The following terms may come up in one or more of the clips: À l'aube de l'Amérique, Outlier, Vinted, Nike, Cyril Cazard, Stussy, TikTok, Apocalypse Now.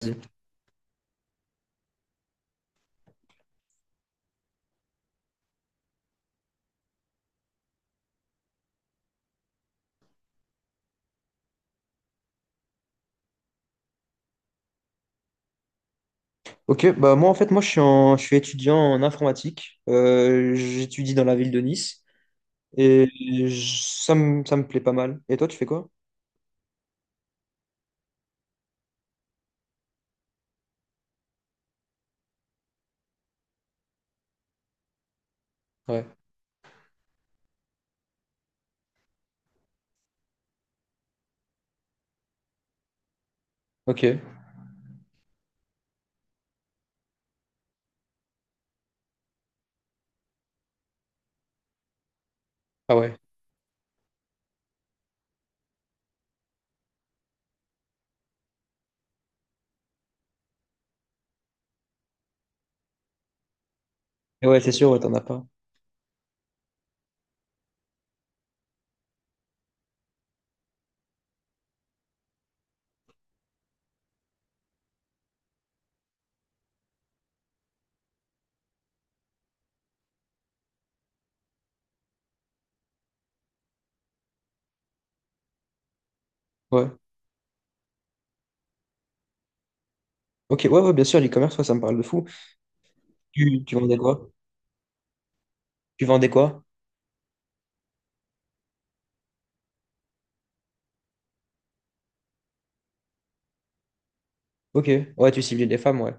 Vas-y. Ok, bah moi en fait moi je suis, en- je suis étudiant en informatique. J'étudie dans la ville de Nice et ça me plaît pas mal. Et toi tu fais quoi? Ouais, ok. Ah ouais. Et ouais c'est sûr, ouais, t'en as pas. Ouais. Ok, ouais, ouais bien sûr, l'e-commerce, ouais, ça me parle de fou. Tu vendais quoi? Tu vendais quoi? Ok, ouais, tu ciblais les femmes, ouais.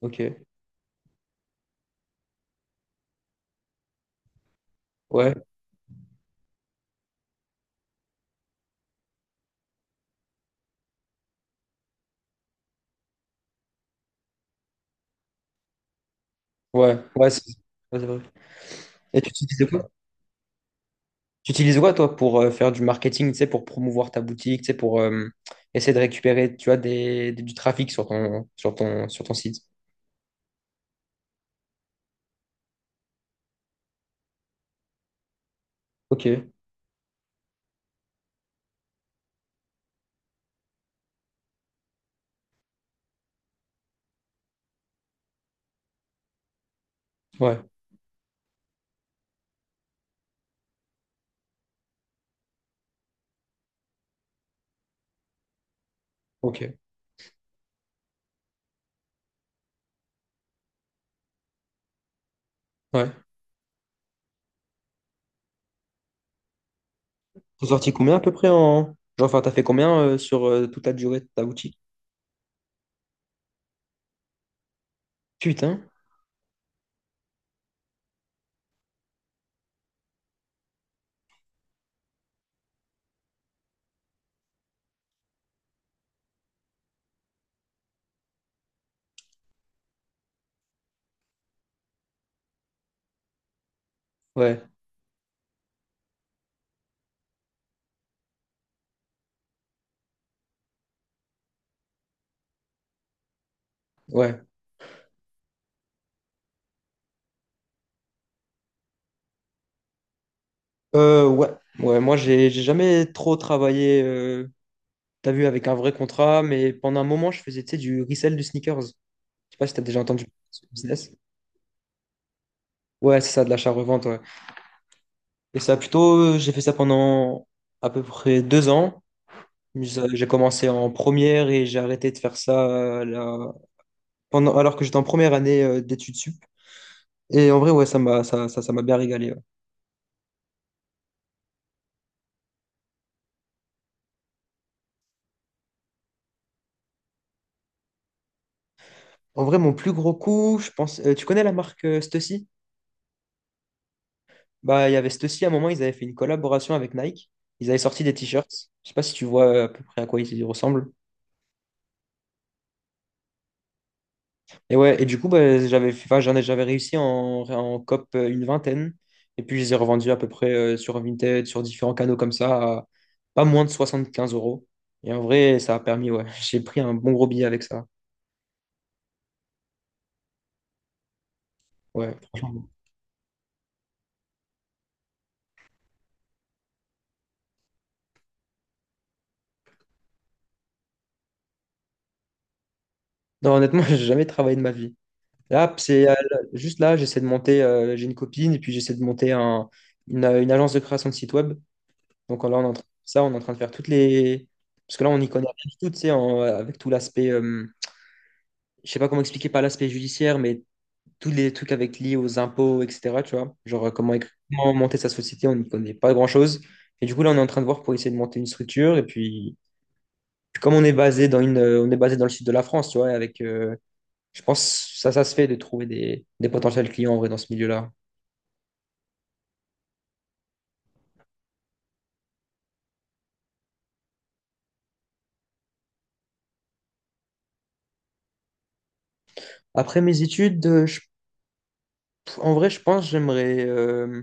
Ok, ouais. Ouais, ouais c'est Ouais, c'est vrai. Et tu utilisais Tu utilises quoi, toi, pour faire du marketing, tu sais, pour promouvoir ta boutique, tu sais, pour essayer de récupérer, tu vois, du trafic sur ton site? Ok, ouais, ok, ouais. T'as sorti combien à peu près en... Genre, enfin, t'as fait combien sur toute la durée de ta boutique? Putain, ouais, ouais. Ouais, ouais, moi, j'ai jamais trop travaillé, t'as vu, avec un vrai contrat, mais pendant un moment, je faisais, tu sais, du resell de sneakers. Je sais pas si t'as déjà entendu ce business. Ouais, c'est ça, de l'achat-revente, ouais. Et ça, plutôt, j'ai fait ça pendant à peu près 2 ans. J'ai commencé en première et j'ai arrêté de faire ça là, pendant, alors que j'étais en première année d'études sup. Et en vrai, ouais, ça m'a bien régalé, ouais. En vrai, mon plus gros coup, je pense. Tu connais la marque Stussy? Bah, il y avait Stussy, à un moment, ils avaient fait une collaboration avec Nike. Ils avaient sorti des t-shirts. Je sais pas si tu vois à peu près à quoi ils ressemblent. Et ouais, et du coup, bah, j'avais, enfin, j'en ai, j'avais réussi en COP, une vingtaine. Et puis, je les ai revendus à peu près sur Vinted, sur différents canaux comme ça, à pas moins de 75 euros. Et en vrai, ça a permis, ouais, j'ai pris un bon gros billet avec ça. Ouais, franchement. Non, honnêtement, j'ai jamais travaillé de ma vie. Là, c'est Juste là, j'essaie de monter, j'ai une copine, et puis j'essaie de monter une agence de création de site web. Donc là, on est en train de faire ça, on est en train de faire toutes les... Parce que là, on n'y connaît rien du tout, tu sais, avec tout l'aspect... je sais pas comment expliquer par l'aspect judiciaire, mais tous les trucs avec liés aux impôts, etc. Tu vois, genre comment monter sa société, on n'y connaît pas grand-chose. Et du coup, là, on est en train de voir pour essayer de monter une structure. Et puis, puis comme on est basé on est basé dans le sud de la France, tu vois, et avec, je pense, ça se fait de trouver des potentiels clients en vrai dans ce milieu-là. Après mes études, En vrai, je pense j'aimerais.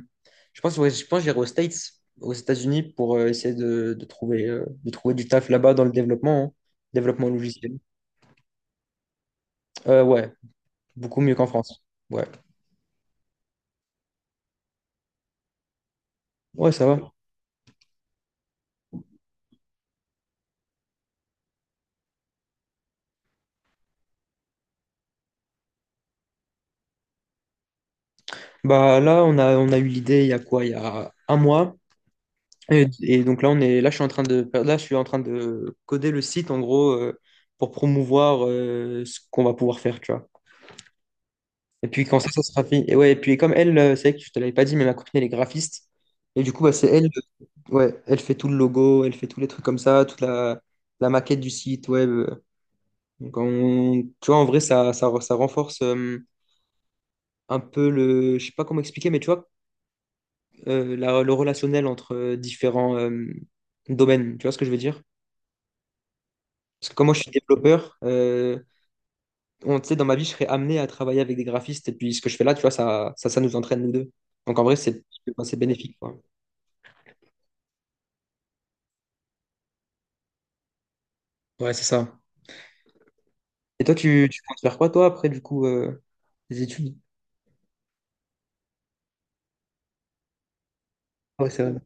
Je pense, ouais, je pense j'irai aux States, aux États-Unis, pour essayer de trouver du taf là-bas dans le développement, hein. Développement logiciel. Ouais, beaucoup mieux qu'en France. Ouais, ouais, ça va. Bah là, on a eu l'idée il y a quoi? Il y a un mois. Et donc là, on est, là, je suis en train de, là, je suis en train de coder le site en gros, pour promouvoir ce qu'on va pouvoir faire, tu vois. Et puis quand ça sera fini. Et ouais, et puis comme elle, c'est vrai que je te l'avais pas dit, mais ma copine, elle est graphiste. Et du coup, bah, c'est elle, euh, ouais, elle fait tout le logo, elle fait tous les trucs comme ça, la maquette du site web. Tu vois, en vrai, ça renforce un peu le, je sais pas comment expliquer, mais tu vois, le relationnel entre différents domaines. Tu vois ce que je veux dire? Parce que comme moi, je suis développeur, on, tu sais, dans ma vie, je serais amené à travailler avec des graphistes. Et puis ce que je fais là, tu vois, ça nous entraîne nous deux. Donc en vrai, c'est enfin, c'est bénéfique, quoi. Ouais, c'est ça. Et toi, tu comptes faire quoi, toi, après, du coup, les études? Ouais, c'est vrai.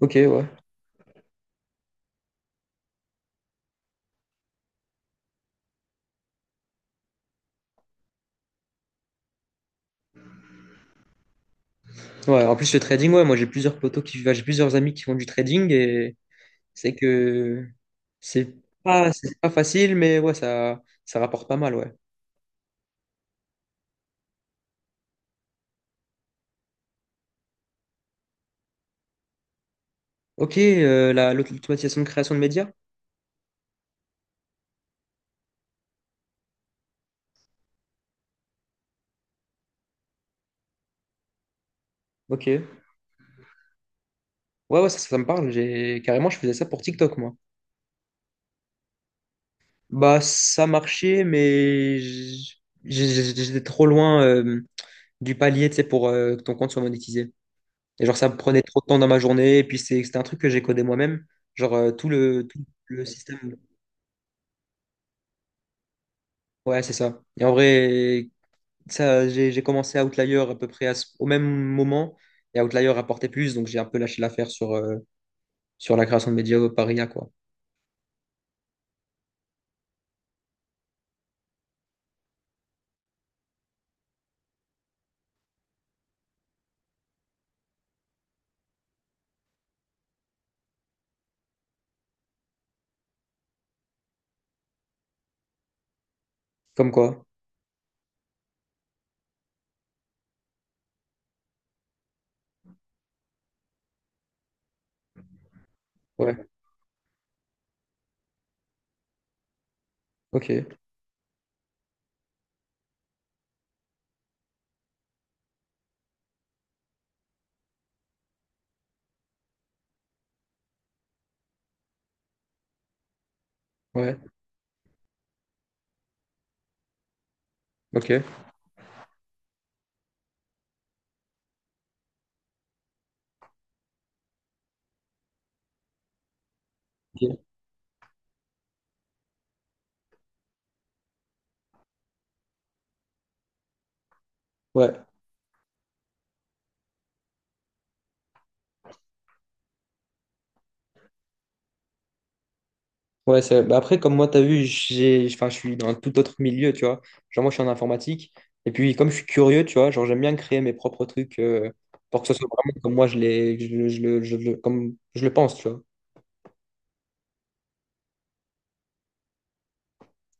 Ok, ouais. Ouais, en plus, le trading, ouais, moi, j'ai plusieurs amis qui font du trading et c'est que c'est c'est pas facile, mais ouais, ça rapporte pas mal, ouais. Ok, l'automatisation de création de médias? Ok. Ouais, ça, ça me parle. J'ai, carrément, je faisais ça pour TikTok, moi. Bah, ça marchait, mais j'étais trop loin, du palier, tu sais, pour, que ton compte soit monétisé. Et genre, ça me prenait trop de temps dans ma journée. Et puis, c'était un truc que j'ai codé moi-même. Genre, tout le système. Ouais, c'est ça. Et en vrai, ça, j'ai commencé Outlier à peu près à au même moment. Et Outlier rapportait plus. Donc, j'ai un peu lâché l'affaire sur, sur la création de médias par IA, quoi. Comme quoi. Ouais. Ok. Ouais. Ok. Ok. Ouais. Ouais, c'est... bah après, comme moi, t'as vu, j'ai... enfin, je suis dans un tout autre milieu, tu vois. Genre, moi, je suis en informatique. Et puis, comme je suis curieux, tu vois, genre, j'aime bien créer mes propres trucs, pour que ce soit vraiment comme moi, je comme je le pense, tu vois.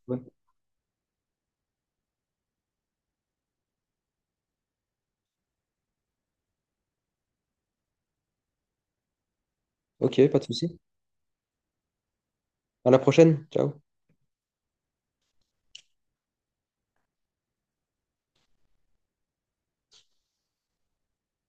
Ouais. Ok, pas de souci. À la prochaine. Ciao.